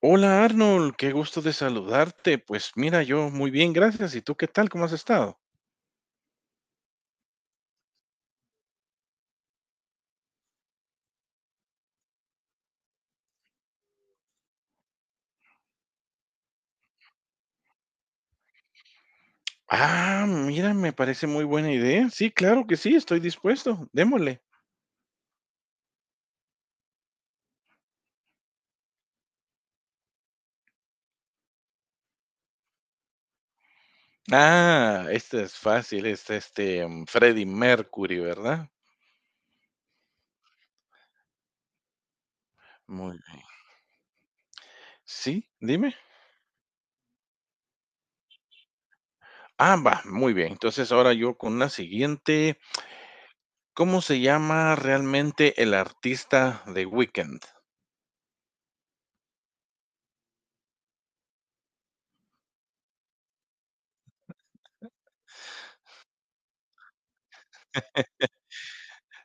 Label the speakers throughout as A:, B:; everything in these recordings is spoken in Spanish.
A: Hola Arnold, qué gusto de saludarte. Pues mira, yo muy bien, gracias. ¿Y tú qué tal? ¿Cómo has estado? Ah, mira, me parece muy buena idea. Sí, claro que sí, estoy dispuesto. Démosle. Ah, este es fácil, Freddie Mercury, ¿verdad? Muy bien. Sí, dime. Ah, va, muy bien. Entonces ahora yo con la siguiente. ¿Cómo se llama realmente el artista de Weekend?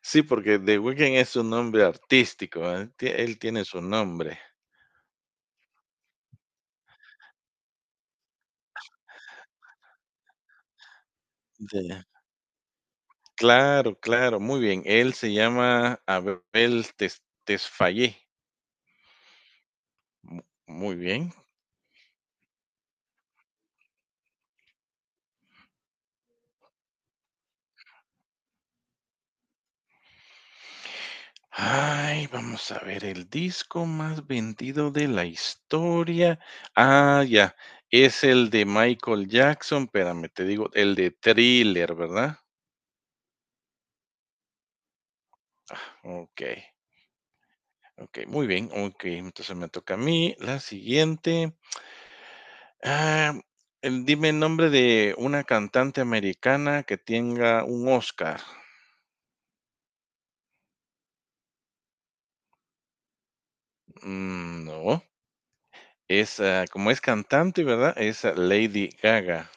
A: Sí, porque The Weeknd es su nombre artístico, ¿eh? Él tiene su nombre. Claro, claro, muy bien. Él se llama Abel Tesfaye. Mu muy bien. Ay, vamos a ver el disco más vendido de la historia. Ah, ya, es el de Michael Jackson, espérame, te digo, el de Thriller, ¿verdad? Okey, okey, muy bien, okey, entonces me toca a mí. La siguiente, ah, dime el nombre de una cantante americana que tenga un Oscar. Mm, no. Es, ah, como es cantante, ¿verdad? Es ah, Lady Gaga.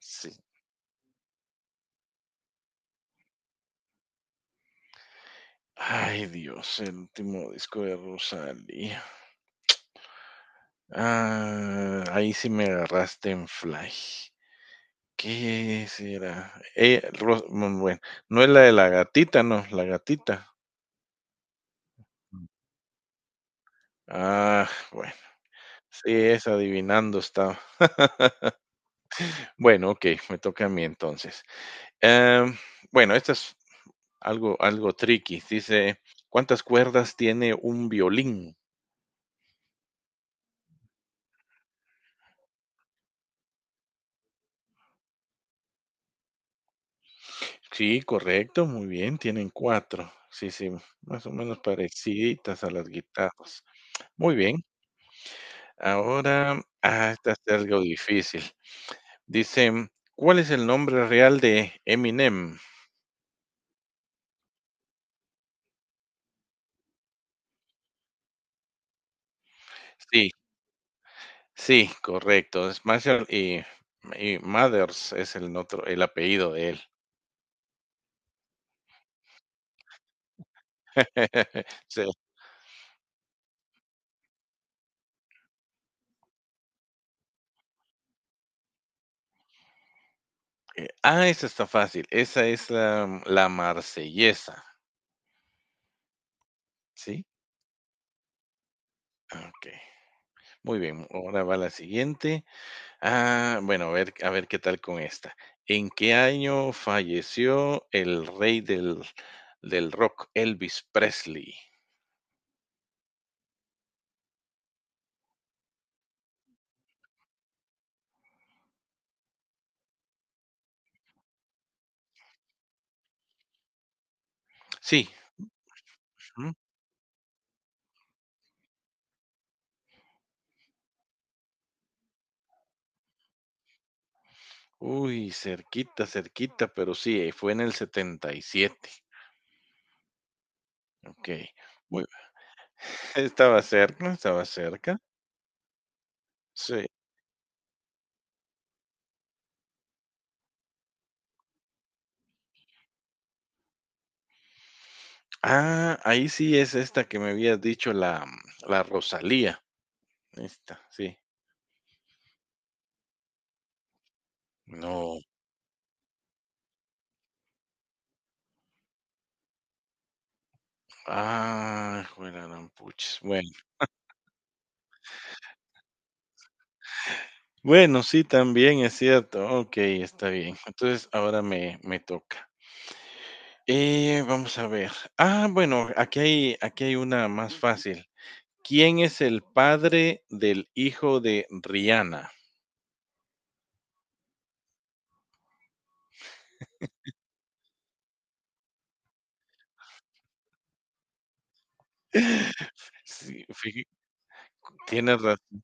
A: Sí. Ay, Dios, el último disco de Rosalía. Ah, ahí sí me agarraste en fly. ¿Qué será? Bueno, no es la de la gatita, no, la gatita. Ah, bueno, sí, es adivinando está. Bueno, ok, me toca a mí entonces. Em, bueno, esto es algo tricky. Dice, ¿cuántas cuerdas tiene un violín? Sí, correcto, muy bien, tienen 4. Sí, sí, más o menos pareciditas a las guitarras. Muy bien, ahora, ah, esta está algo difícil. Dice, ¿cuál es el nombre real de Eminem? Sí, sí, correcto, es Marshall y Mathers es el otro el apellido de él. Sí. Ah, esa está fácil, esa es la Marsellesa, ¿sí? Ah, okey. Muy bien, ahora va la siguiente. Ah, bueno, a ver qué tal con esta. ¿En qué año falleció el rey del rock, Elvis Presley? Sí. Ujú. Uy, cerquita, cerquita, pero sí, fue en el 77. Ok. Muy, estaba cerca, estaba cerca. Sí. Ah, ahí sí es esta que me habías dicho, la Rosalía. Esta, sí. No. Ah, juela. Bueno, sí, también es cierto. Ok, está bien. Entonces ahora me toca. Vamos a ver. Ah, bueno, aquí hay una más fácil. ¿Quién es el padre del hijo de Rihanna? Sí, tienes razón.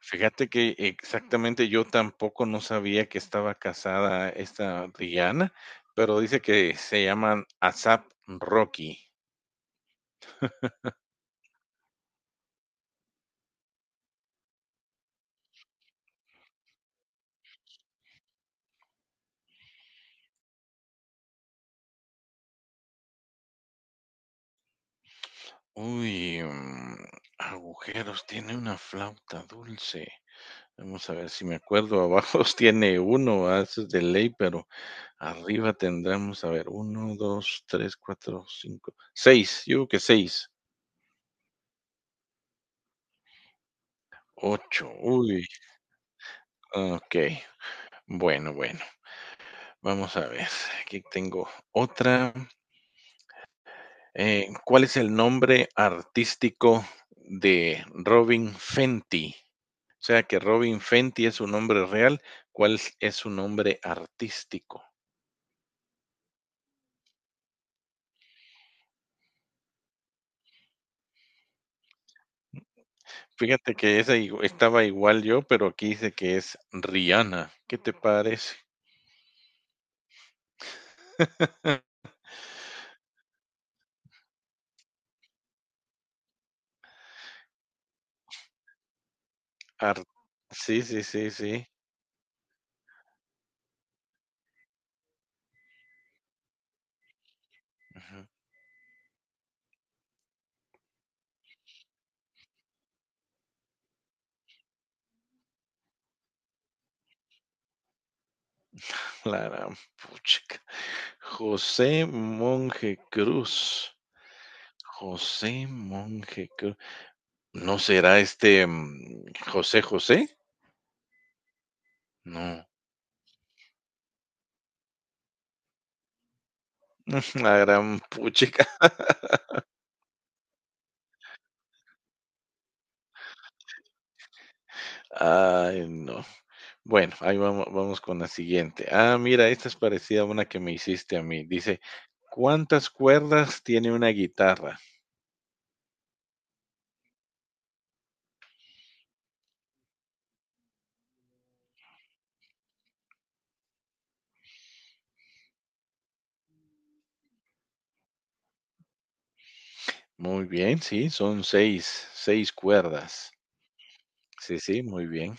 A: Fíjate que exactamente yo tampoco no sabía que estaba casada esta Rihanna, pero dice que se llaman ASAP Rocky. Uy, mm, agujeros, tiene una flauta dulce. Vamos a ver si me acuerdo. Abajo tiene uno, ah, eso es de ley, pero arriba tendremos, a ver, uno, dos, tres, cuatro, cinco, seis. Yo creo que seis, ocho. Uy, ok. Bueno, bueno, vamos a ver. Aquí tengo otra. ¿Cuál es el nombre artístico de Robin Fenty? O sea que Robin Fenty es su nombre real, ¿cuál es su nombre artístico? Fíjate que esa igu estaba igual yo, pero aquí dice que es Rihanna, ¿qué te parece? Ar sí, sí, sí, sí. Ujú. La gran puchica. José Monje Cruz, José Monje Cruz, ¿no será este, mm, José José? No, la gran puchica. Ay, no. Bueno, ahí vamos, vamos con la siguiente. Ah, mira, esta es parecida a una que me hiciste a mí. Dice, ¿cuántas cuerdas tiene una guitarra? Muy bien, sí, son 6, 6 cuerdas. Sí, sí, muy bien.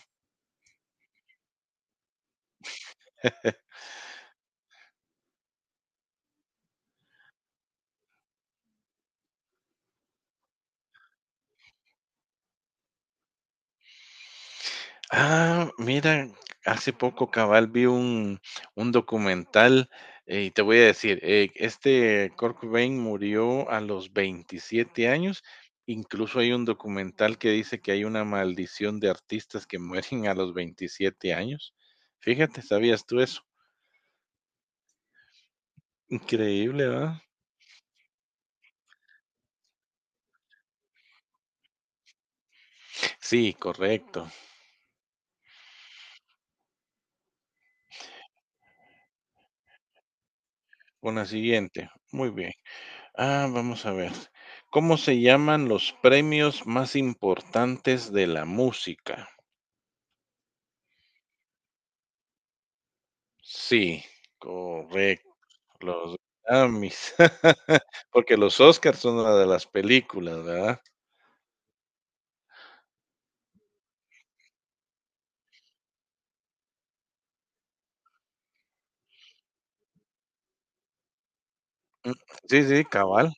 A: Ah, mira, hace poco cabal vi un documental y te voy a decir, este Kurt Cobain murió a los 27 años. Incluso hay un documental que dice que hay una maldición de artistas que mueren a los 27 años. Fíjate, ¿sabías tú eso? Increíble, ¿verdad? Sí, correcto. Con la siguiente. Muy bien. Ah, vamos a ver. ¿Cómo se llaman los premios más importantes de la música? Sí, correcto. Los Grammys. Porque los Óscars son una de las películas, ¿verdad? Sí, sí, cabal.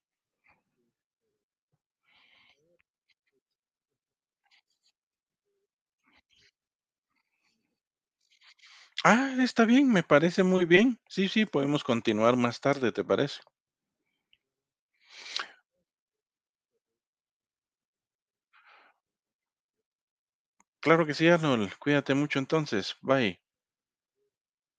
A: Ah, está bien, me parece muy bien. Sí, sí, podemos continuar más tarde, ¿te parece? Claro que sí, Arnold. Cuídate mucho entonces. Bye.